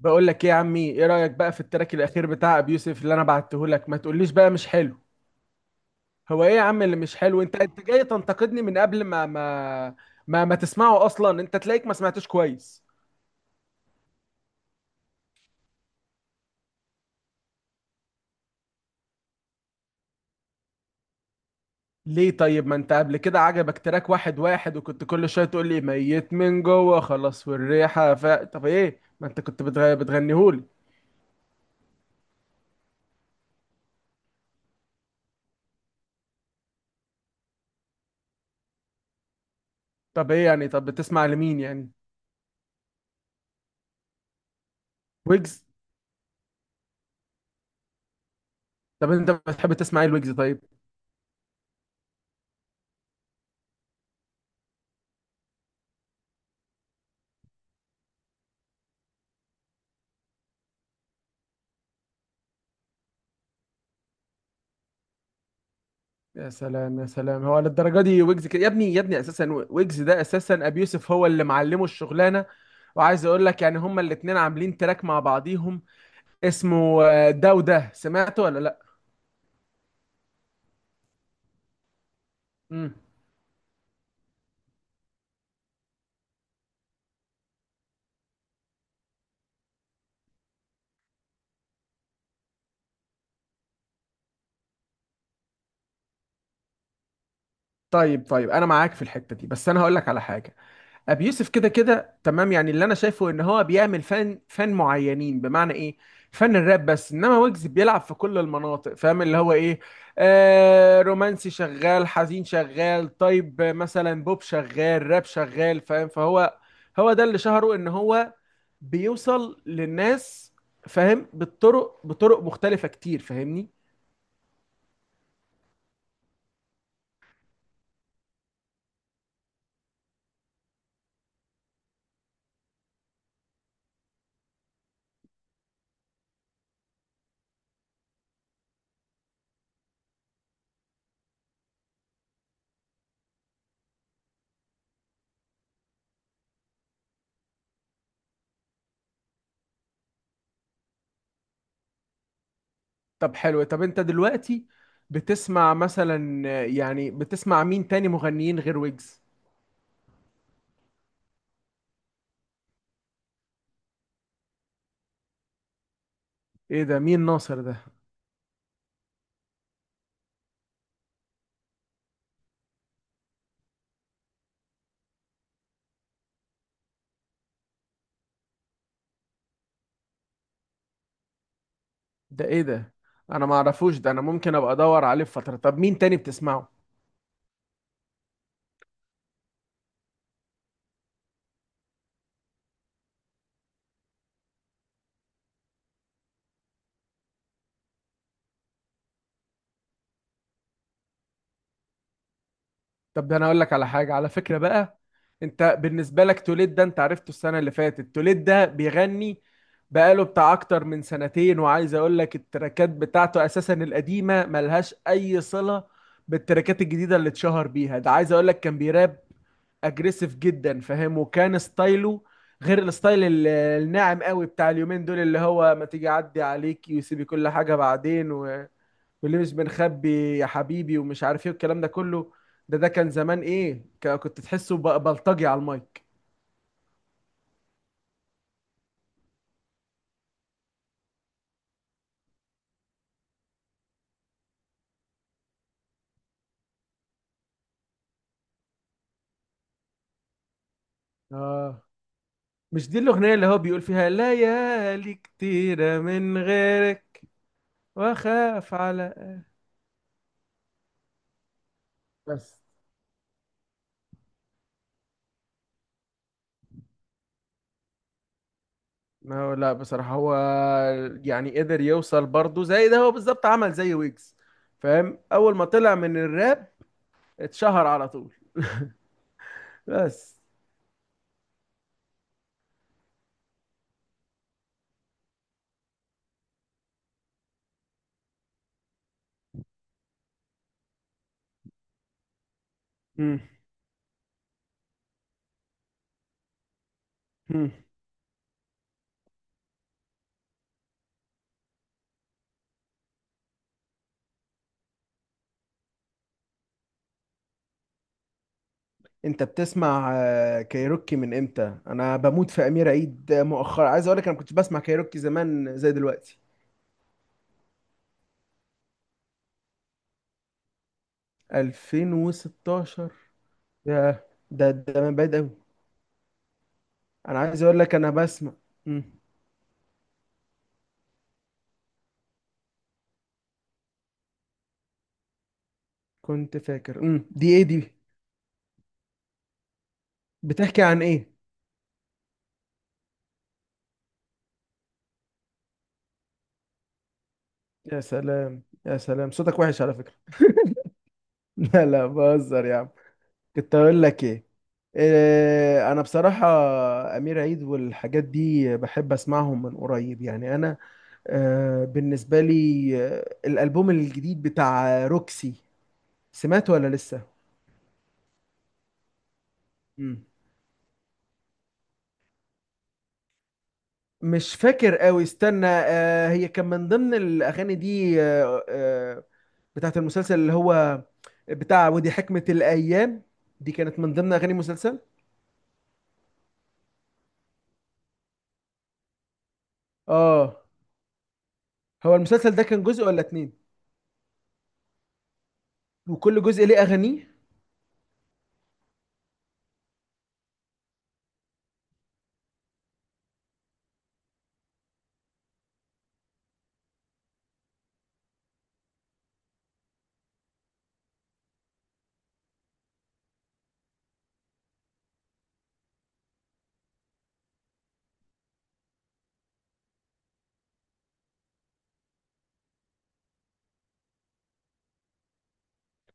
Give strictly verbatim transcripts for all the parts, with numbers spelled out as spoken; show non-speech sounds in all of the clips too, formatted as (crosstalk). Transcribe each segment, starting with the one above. بقول لك ايه يا عمي، ايه رأيك بقى في التراك الاخير بتاع ابي يوسف اللي انا بعته لك؟ ما تقوليش بقى مش حلو. هو ايه يا عم اللي مش حلو؟ انت انت جاي تنتقدني من قبل ما ما ما, ما تسمعه اصلا، انت تلاقيك ما سمعتوش كويس. ليه طيب؟ ما انت قبل كده عجبك تراك واحد واحد، وكنت كل شوية تقول لي ميت من جوه خلاص والريحة، ف طب ايه؟ ما انت كنت بتغ... بتغنيهولي. طب ايه يعني؟ طب بتسمع لمين يعني؟ ويجز؟ طب انت بتحب تسمع ايه الويجز؟ طيب. يا سلام يا سلام، هو للدرجه دي ويجز كده يا ابني؟ يا ابني اساسا ويجز ده اساسا ابي يوسف هو اللي معلمه الشغلانه. وعايز اقول لك يعني هما الاتنين عاملين تراك مع بعضيهم. اسمه آه، ده، وده سمعته ولا لا؟ امم. طيب، طيب، انا معاك في الحته دي، بس انا هقول لك على حاجه. ابي يوسف كده كده تمام، يعني اللي انا شايفه ان هو بيعمل فن فن معينين، بمعنى ايه؟ فن الراب بس، انما ويجز بيلعب في كل المناطق، فاهم اللي هو ايه؟ آه رومانسي شغال، حزين شغال، طيب مثلا بوب شغال، راب شغال، فاهم؟ فهو هو ده اللي شهره، ان هو بيوصل للناس. فاهم؟ بالطرق بطرق مختلفة كتير، فاهمني؟ طب حلو. طب انت دلوقتي بتسمع مثلا، يعني بتسمع مين تاني مغنيين غير ويجز؟ ايه ده؟ مين ناصر ده؟ ده ايه ده؟ انا ما اعرفوش ده، انا ممكن ابقى ادور عليه في فتره. طب مين تاني بتسمعه؟ طب ده انا اقول لك على حاجه على فكره بقى. انت بالنسبه لك توليد ده، انت عرفته السنه اللي فاتت، توليد ده بيغني بقاله بتاع اكتر من سنتين، وعايز اقول لك التراكات بتاعته اساسا القديمه ملهاش اي صله بالتراكات الجديده اللي اتشهر بيها ده، عايز اقول لك كان بيراب اجريسيف جدا، فاهم؟ وكان ستايله غير الستايل ال- الناعم قوي بتاع اليومين دول، اللي هو ما تيجي اعدي عليك ويسيبي كل حاجه بعدين و... واللي مش بنخبي يا حبيبي، ومش عارف ايه والكلام ده كله. ده ده كان زمان ايه، ك- كنت تحسه ب- بلطجي على المايك. اه. مش دي الاغنيه اللي هو بيقول فيها ليالي كتيره من غيرك واخاف على؟ بس ما هو لا، بصراحة هو يعني قدر يوصل برضه زي ده، هو بالظبط عمل زي ويجز، فاهم؟ أول ما طلع من الراب اتشهر على طول. بس. مم. مم. أنت بتسمع آه، كايروكي من إمتى؟ أنا بموت في أمير عيد مؤخرا، عايز أقول لك أنا كنت بسمع كايروكي زمان زي دلوقتي؟ ألفين وستاشر؟ ياه، ده ده من بعيد أوي. أنا عايز أقول لك أنا بسمع. مم. كنت فاكر. مم. دي إيه دي؟ بتحكي عن إيه؟ يا سلام يا سلام، صوتك وحش على فكرة. (laughs) لا، لا، بهزر يا عم. كنت اقول لك ايه؟ إيه، انا بصراحه امير عيد والحاجات دي بحب اسمعهم من قريب يعني، انا آه، بالنسبه لي آه، الالبوم الجديد بتاع روكسي، سمعته ولا لسه؟ مم. مش فاكر قوي، استنى، آه، هي كان من ضمن الاغاني دي، آه، آه، بتاعت المسلسل اللي هو بتاع، ودي حكمة الايام؟ دي كانت من ضمن اغاني المسلسل. اه. هو المسلسل ده كان جزء ولا اتنين؟ وكل جزء ليه اغانيه؟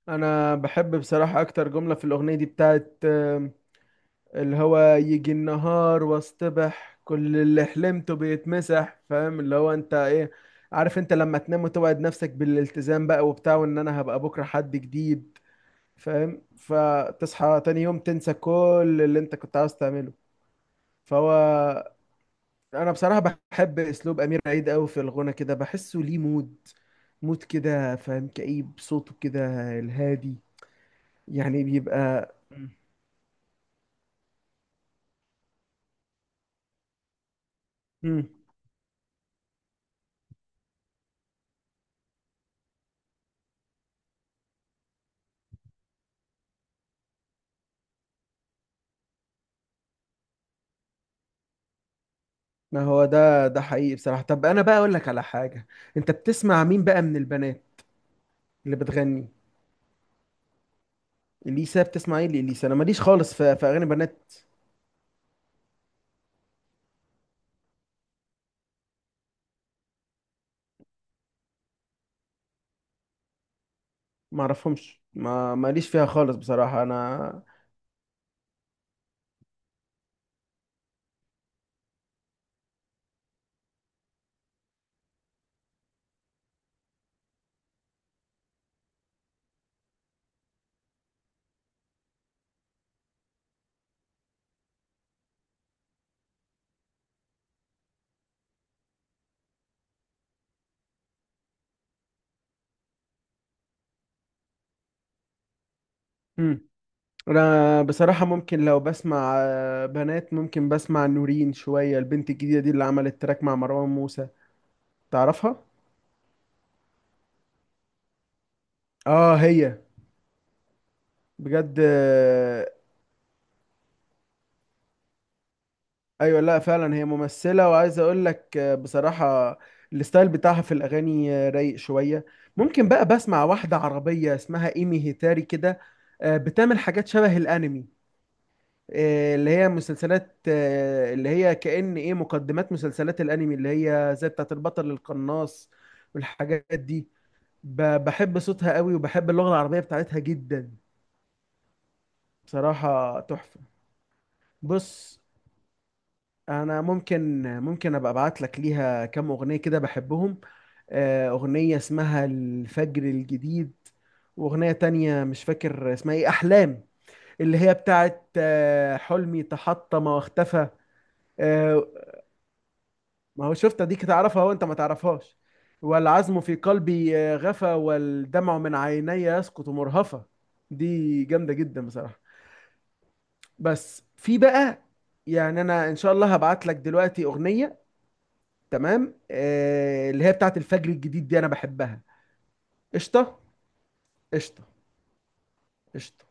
انا بحب بصراحة اكتر جملة في الاغنية دي بتاعت آم، اللي هو يجي النهار واصطبح كل اللي حلمته بيتمسح، فاهم اللي هو انت ايه؟ عارف انت لما تنام وتوعد نفسك بالالتزام بقى وبتاع، وان انا هبقى بكرة حد جديد، فاهم؟ فتصحى تاني يوم تنسى كل اللي انت كنت عاوز تعمله. فهو انا بصراحة بحب اسلوب امير عيد قوي في الغنى كده، بحسه ليه مود، مود كده، فاهم؟ كئيب صوته كده، الهادي، يعني بيبقى. امم. ما هو ده ده حقيقي بصراحة. طب أنا بقى أقول لك على حاجة، أنت بتسمع مين بقى من البنات اللي بتغني؟ إليسا؟ بتسمع إيه لإليسا؟ أنا ماليش خالص في, في أغاني بنات. ما أعرفهمش، ما ماليش فيها خالص بصراحة أنا. امم. أنا بصراحة ممكن لو بسمع آه، بنات، ممكن بسمع نورين شوية، البنت الجديدة دي اللي عملت تراك مع مروان موسى. تعرفها؟ آه، هي بجد آه، ايوه، لا فعلا هي ممثله، وعايز اقول لك آه، بصراحه الستايل بتاعها في الاغاني آه، رايق شويه. ممكن بقى بسمع واحده عربيه اسمها ايمي هيتاري كده، آه، بتعمل حاجات شبه الانمي، آه، اللي هي مسلسلات، آه، اللي هي كأن ايه، مقدمات مسلسلات الانمي اللي هي زي بتاعت البطل القناص والحاجات دي. ب- بحب صوتها قوي، وبحب اللغه العربيه بتاعتها جدا، بصراحه تحفه. بص، انا ممكن ممكن ابقى ابعت لك ليها كام اغنيه كده بحبهم. آه، اغنيه اسمها الفجر الجديد، واغنيه تانية مش فاكر اسمها ايه، احلام، اللي هي بتاعت آه، حلمي تحطم واختفى. آه، ما هو شفت؟ دي تعرفها وانت ما تعرفهاش. والعزم في قلبي آه، غفى، والدمع من عيني يسقط مرهفة، دي جامدة جدا بصراحة. بس في بقى، يعني انا ان شاء الله هبعت لك دلوقتي اغنية، تمام، آه اللي هي بتاعت الفجر الجديد دي انا بحبها. قشطه. قشطه قشطه.